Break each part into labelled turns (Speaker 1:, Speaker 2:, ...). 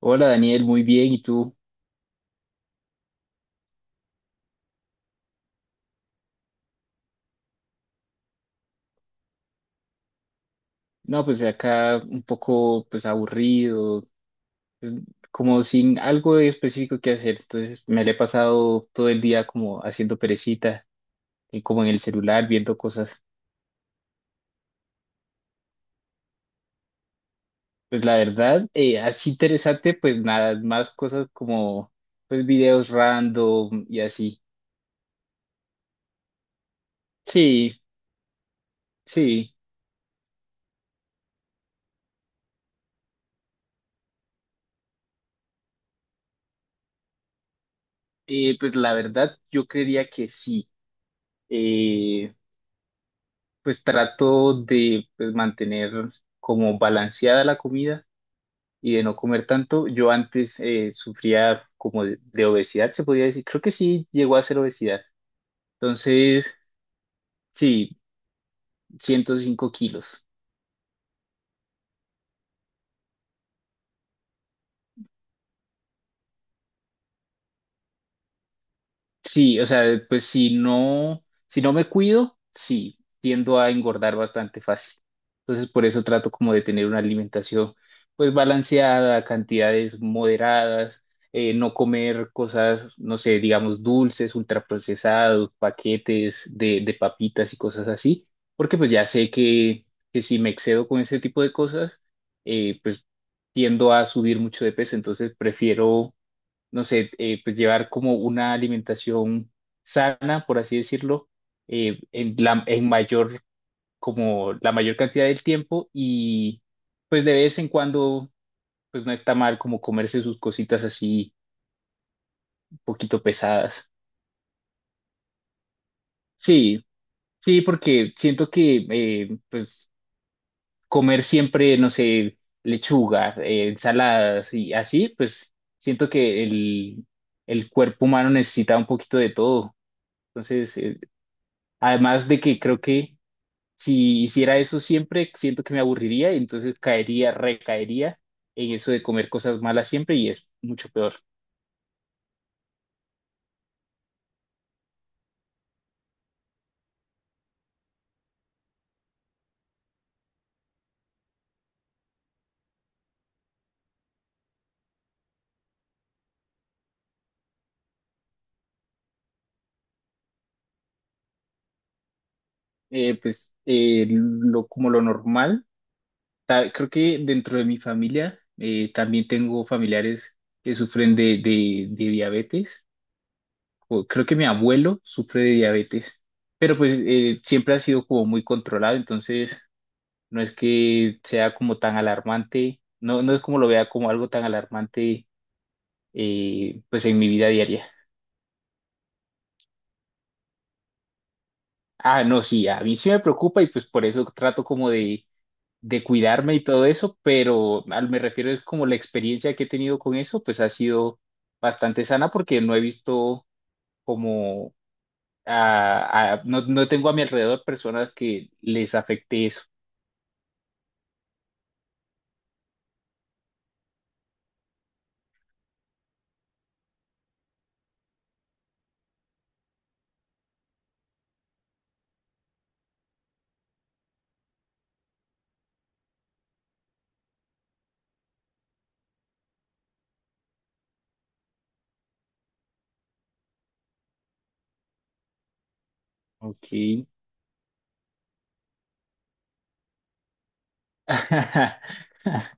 Speaker 1: Hola Daniel, muy bien, ¿y tú? No, pues acá un poco aburrido, pues, como sin algo específico que hacer. Entonces me le he pasado todo el día como haciendo perecita, y como en el celular viendo cosas. Pues la verdad, así interesante, pues nada, más cosas como videos random y así. Sí, sí. Pues la verdad yo creería que sí. Eh, pues trato de mantener como balanceada la comida y de no comer tanto. Yo antes sufría como de obesidad, se podía decir. Creo que sí llegó a ser obesidad. Entonces, sí, 105 kilos. Sí, o sea, pues si no me cuido, sí, tiendo a engordar bastante fácil. Entonces, por eso trato como de tener una alimentación pues balanceada, cantidades moderadas, no comer cosas, no sé, digamos dulces, ultraprocesados, paquetes de papitas y cosas así, porque pues ya sé que si me excedo con ese tipo de cosas, eh, pues tiendo a subir mucho de peso. Entonces prefiero no sé, pues llevar como una alimentación sana, por así decirlo, en mayor, como la mayor cantidad del tiempo, y pues de vez en cuando, pues no está mal como comerse sus cositas así un poquito pesadas. Sí, sí, porque siento que pues comer siempre, no sé, lechuga, ensaladas y así, pues siento que el cuerpo humano necesita un poquito de todo. Entonces, además de que creo que si hiciera eso siempre, siento que me aburriría y entonces recaería en eso de comer cosas malas siempre, y es mucho peor. Lo, como lo normal, creo que dentro de mi familia también tengo familiares que sufren de diabetes. O creo que mi abuelo sufre de diabetes, pero pues siempre ha sido como muy controlado. Entonces no es que sea como tan alarmante, no, no es como lo vea como algo tan alarmante pues en mi vida diaria. Ah, no, sí, a mí sí me preocupa, y pues por eso trato como de cuidarme y todo eso, pero al me refiero es como la experiencia que he tenido con eso, pues ha sido bastante sana porque no he visto como, no, no tengo a mi alrededor personas que les afecte eso. Ok.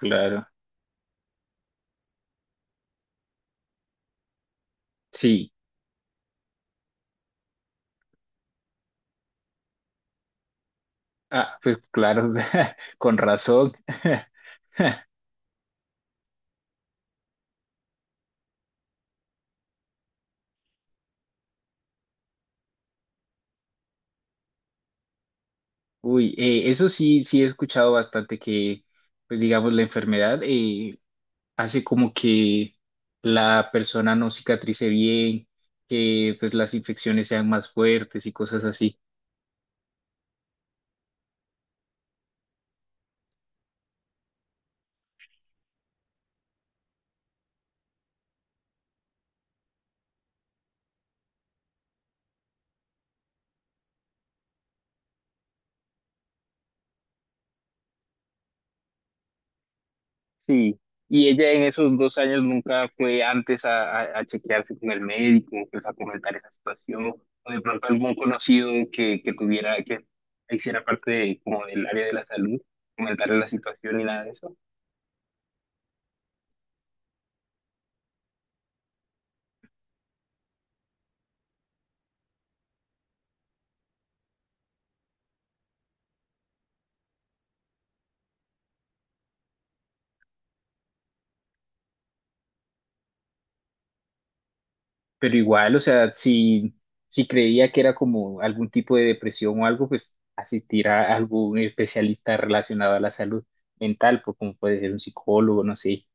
Speaker 1: Claro, sí. Ah, pues claro, con razón. Uy, eso sí, sí he escuchado bastante que, pues digamos, la enfermedad hace como que la persona no cicatrice bien, que pues las infecciones sean más fuertes y cosas así. Sí, y ella en esos 2 años nunca fue antes a, a chequearse con el médico, pues a comentar esa situación, o de pronto algún conocido que tuviera, que hiciera parte de- como del área de la salud, comentarle la situación y nada de eso. Pero igual, o sea, si, si creía que era como algún tipo de depresión o algo, pues asistir a algún especialista relacionado a la salud mental, pues como puede ser un psicólogo, no sé.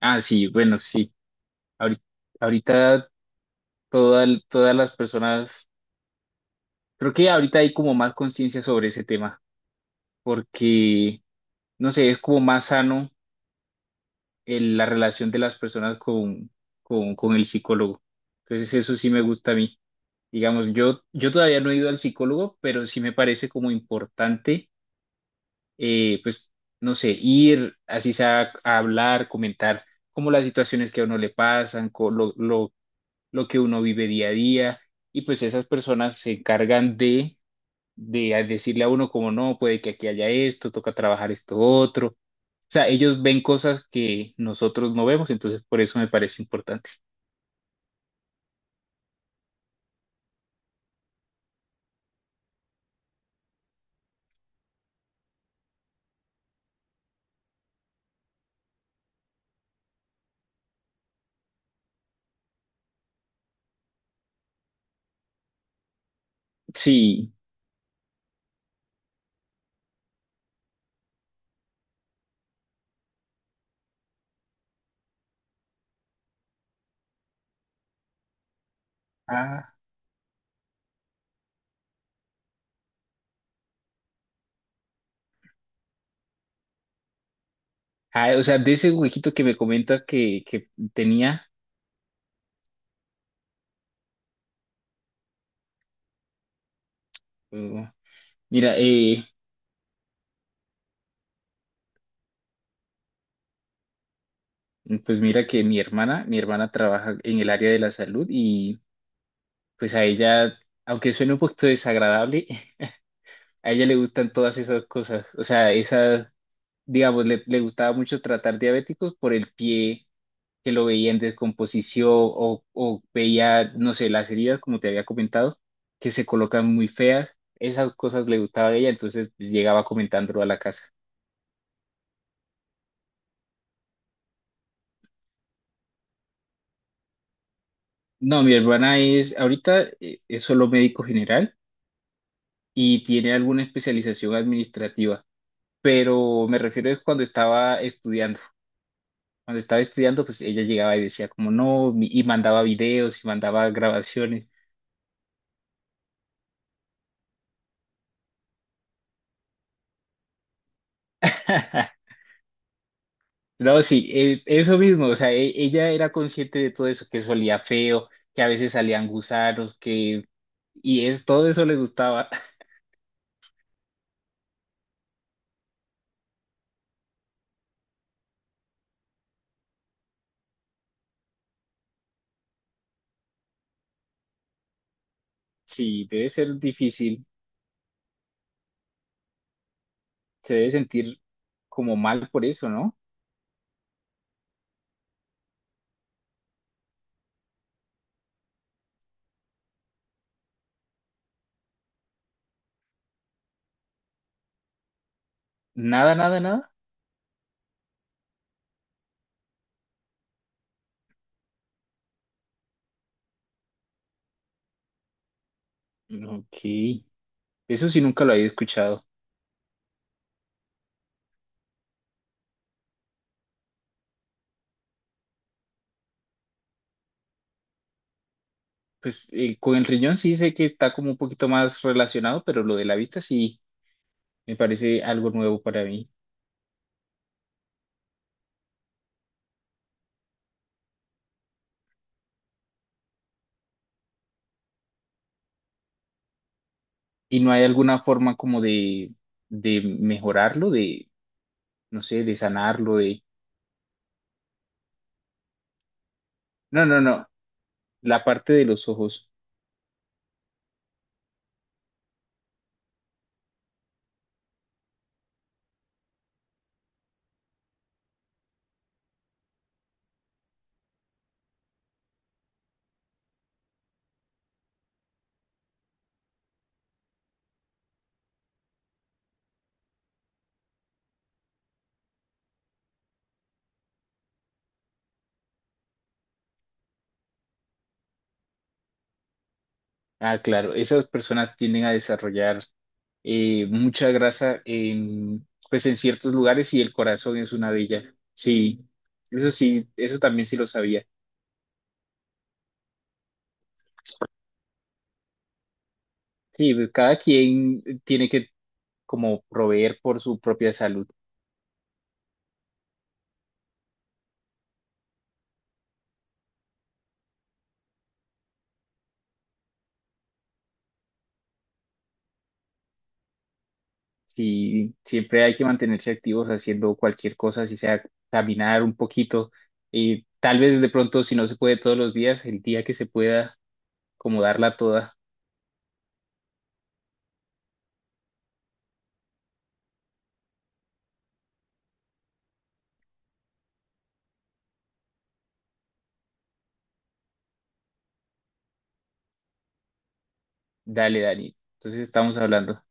Speaker 1: Ah, sí, bueno, sí. Ahorita, ahorita todas las personas, creo que ahorita hay como más conciencia sobre ese tema, porque, no sé, es como más sano la relación de las personas con el psicólogo. Entonces, eso sí me gusta a mí. Digamos, yo todavía no he ido al psicólogo, pero sí me parece como importante, eh, pues, no sé, ir así sea a hablar, comentar como las situaciones que a uno le pasan, con lo que uno vive día a día, y pues esas personas se encargan de a decirle a uno como no, puede que aquí haya esto, toca trabajar esto otro. O sea, ellos ven cosas que nosotros no vemos, entonces por eso me parece importante. Sí. Ah, ah, o sea, de ese huequito que me comentas que tenía, eh, mira, pues mira que mi hermana trabaja en el área de la salud. Y pues a ella, aunque suene un poquito desagradable, a ella le gustan todas esas cosas. O sea, esas, digamos, le gustaba mucho tratar diabéticos por el pie, que lo veía en descomposición o veía, no sé, las heridas, como te había comentado, que se colocan muy feas. Esas cosas le gustaba a ella, entonces pues, llegaba comentándolo a la casa. No, mi hermana es, ahorita es solo médico general y tiene alguna especialización administrativa, pero me refiero es cuando estaba estudiando. Cuando estaba estudiando, pues ella llegaba y decía como no, y mandaba videos y mandaba grabaciones. No, sí, eso mismo, o sea, ella era consciente de todo eso, que eso olía feo, que a veces salían gusanos, que... Y es, todo eso le gustaba. Sí, debe ser difícil, se debe sentir como mal por eso, ¿no? Nada, nada, nada. Ok, eso sí nunca lo había escuchado. Pues con el riñón sí sé que está como un poquito más relacionado, pero lo de la vista sí me parece algo nuevo para mí. ¿Y no hay alguna forma como de mejorarlo, de, no sé, de sanarlo? No, no, no. La parte de los ojos. Ah, claro. Esas personas tienden a desarrollar mucha grasa en, pues en ciertos lugares, y el corazón es una de ellas. Sí, sí, eso también sí lo sabía. Sí, pues, cada quien tiene que como proveer por su propia salud. Sí, siempre hay que mantenerse activos haciendo cualquier cosa, si sea caminar un poquito. Y tal vez de pronto, si no se puede todos los días, el día que se pueda, como darla toda. Dale, Dani. Entonces estamos hablando.